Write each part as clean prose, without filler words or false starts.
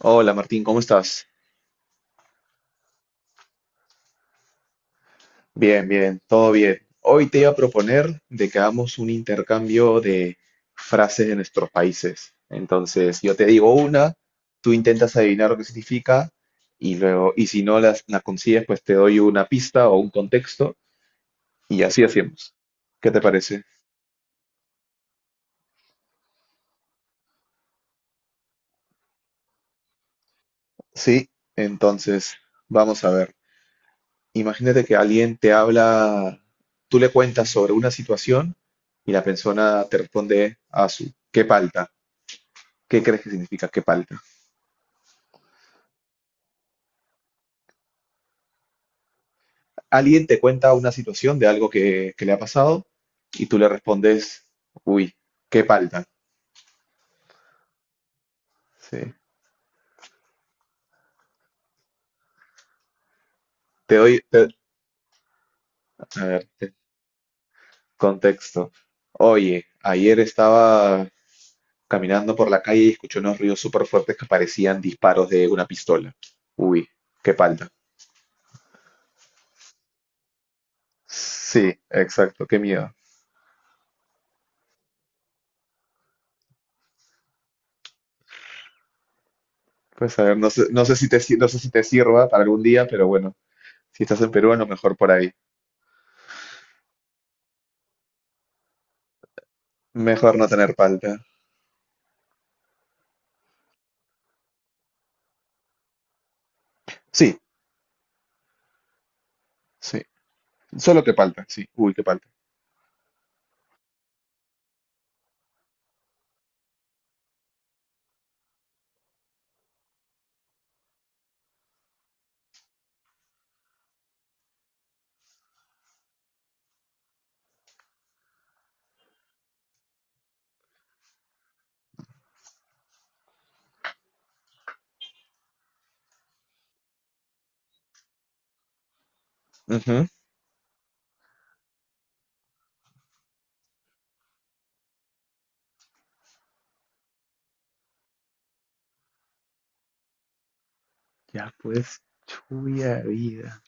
Hola Martín, ¿cómo estás? Bien, bien, todo bien. Hoy te iba a proponer de que hagamos un intercambio de frases de nuestros países. Entonces, yo te digo una, tú intentas adivinar lo que significa y luego, y si no la consigues, pues te doy una pista o un contexto y así hacemos. ¿Qué te parece? Sí, entonces, vamos a ver. Imagínate que alguien te habla, tú le cuentas sobre una situación y la persona te responde a su, qué palta. ¿Qué crees que significa qué palta? Alguien te cuenta una situación de algo que le ha pasado y tú le respondes, uy, qué palta. Sí. Te doy, te- a ver, te- Contexto. Oye, ayer estaba caminando por la calle y escuché unos ruidos súper fuertes que parecían disparos de una pistola. Uy, qué palta. Sí, exacto, qué miedo. Pues a ver, no sé, no sé si te sirva para algún día, pero bueno, si estás en Perú, a lo mejor por ahí. Mejor no tener palta. Sí, sí. Solo que palta, sí. Uy, que palta. Ujú. Ya pues, chuya vida.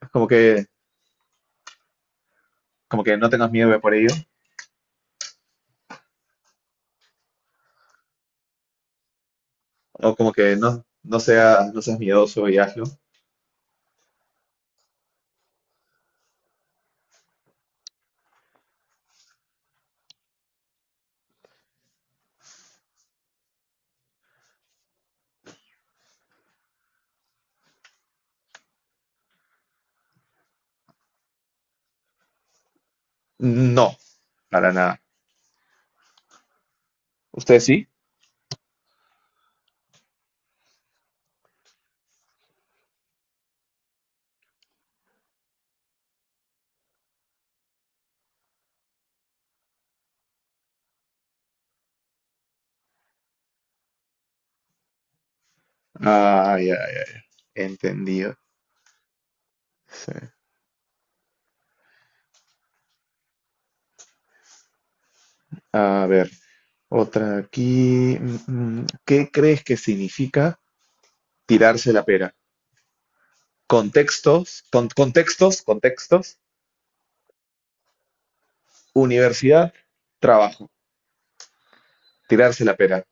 Es como que no tengas miedo por ello, o como que no seas, no seas miedoso y hazlo. No, para nada. ¿Usted sí? Ah, ya, ya, ya. Entendido. Sí. A ver, otra aquí. Mm. ¿Qué crees que significa tirarse la pera? Contextos, contextos, contextos. Universidad, trabajo. Tirarse la pera.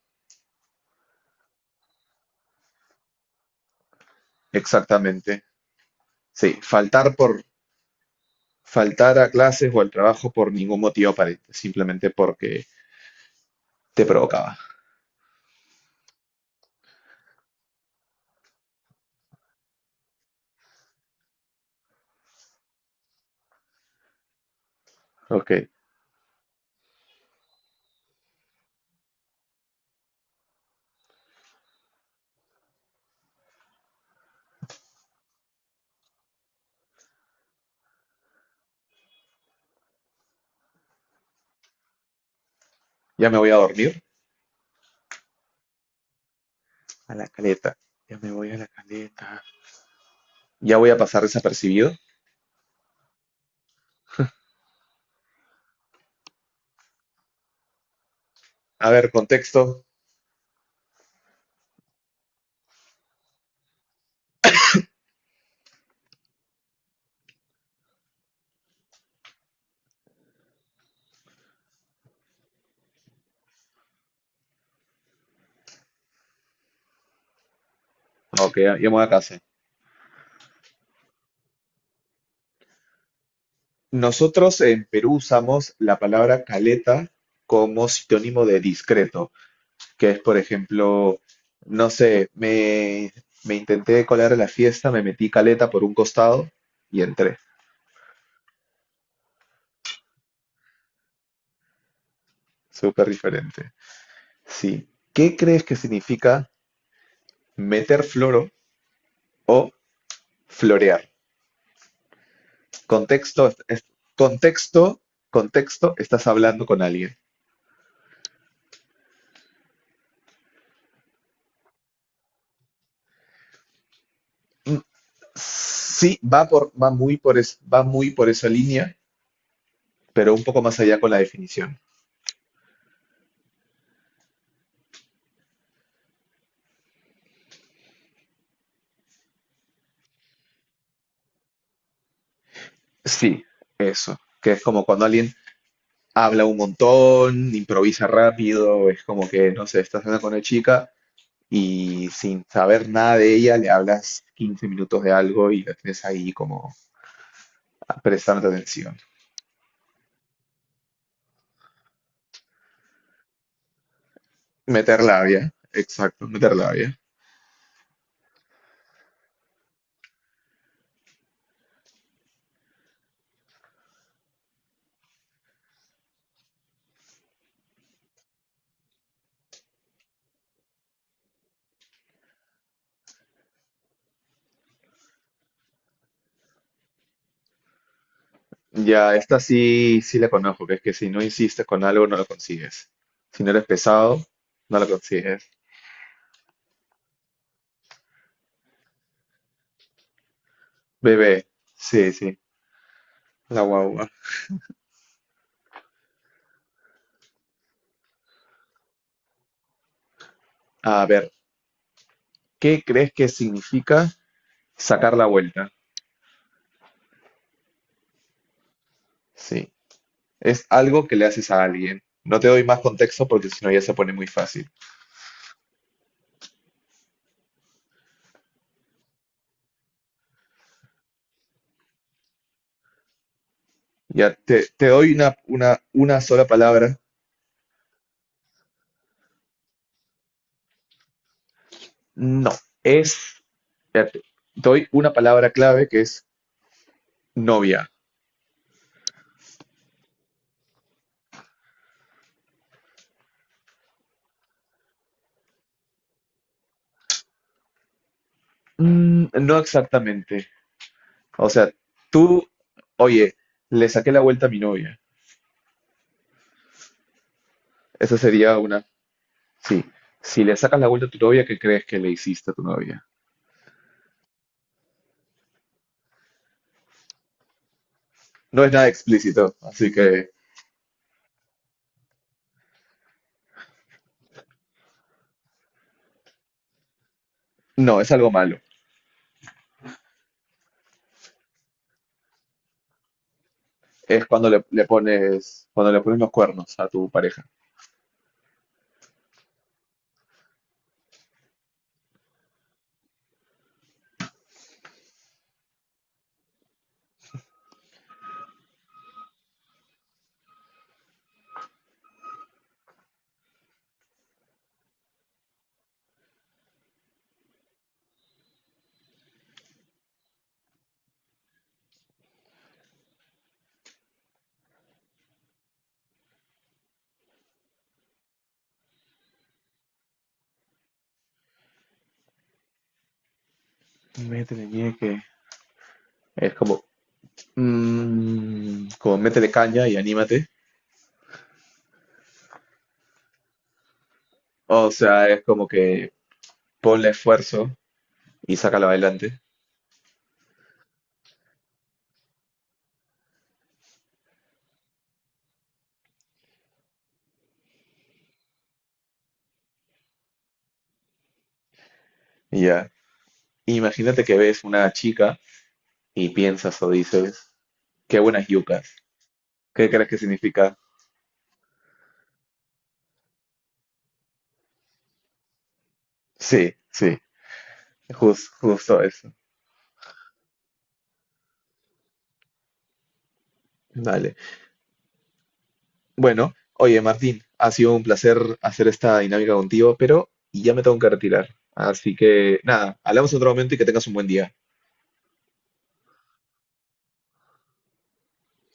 Exactamente. Sí, faltar a clases o al trabajo por ningún motivo aparente, simplemente porque te provocaba. Ok, ya me voy a dormir a la caleta. Ya me voy a la caleta. Ya voy a pasar desapercibido. A ver, contexto. Ok, ya me voy a casa. Nosotros en Perú usamos la palabra caleta como sinónimo de discreto, que es, por ejemplo, no sé, me intenté colar a la fiesta, me metí caleta por un costado y entré. Súper diferente. Sí. ¿Qué crees que significa meter floro o florear? Contexto, contexto, contexto, estás hablando con alguien. Mm, sí, va muy por esa línea, pero un poco más allá con la definición. Sí, eso, que es como cuando alguien habla un montón, improvisa rápido, es como que, no sé, estás hablando con una chica y sin saber nada de ella le hablas 15 minutos de algo y la tienes ahí como prestando atención. Meter labia, exacto, meter labia. Ya, esta sí, sí la conozco, que es que si no insistes con algo, no lo consigues. Si no eres pesado, no lo consigues. Bebé, sí, sí, la guagua. A ver, ¿qué crees que significa sacar la vuelta? Sí, es algo que le haces a alguien. No te doy más contexto porque si no ya se pone muy fácil. Ya, te doy una sola palabra. No, es, espérate, te doy una palabra clave que es novia. Mm, no exactamente. O sea, tú, oye, le saqué la vuelta a mi novia. Esa sería una, sí. Si le sacas la vuelta a tu novia, ¿qué crees que le hiciste a tu novia? No es nada explícito, así que no, es algo malo. Es cuando cuando le pones los cuernos a tu pareja. Métele ñeque. Es como, mm, como métele caña y anímate. O sea, es como que ponle esfuerzo y sácalo adelante. Y ya. Imagínate que ves una chica y piensas o dices, qué buenas yucas. ¿Qué crees que significa? Sí, sí, justo eso. Dale. Bueno, oye, Martín, ha sido un placer hacer esta dinámica contigo, pero ya me tengo que retirar. Así que nada, hablamos en otro momento y que tengas un buen día.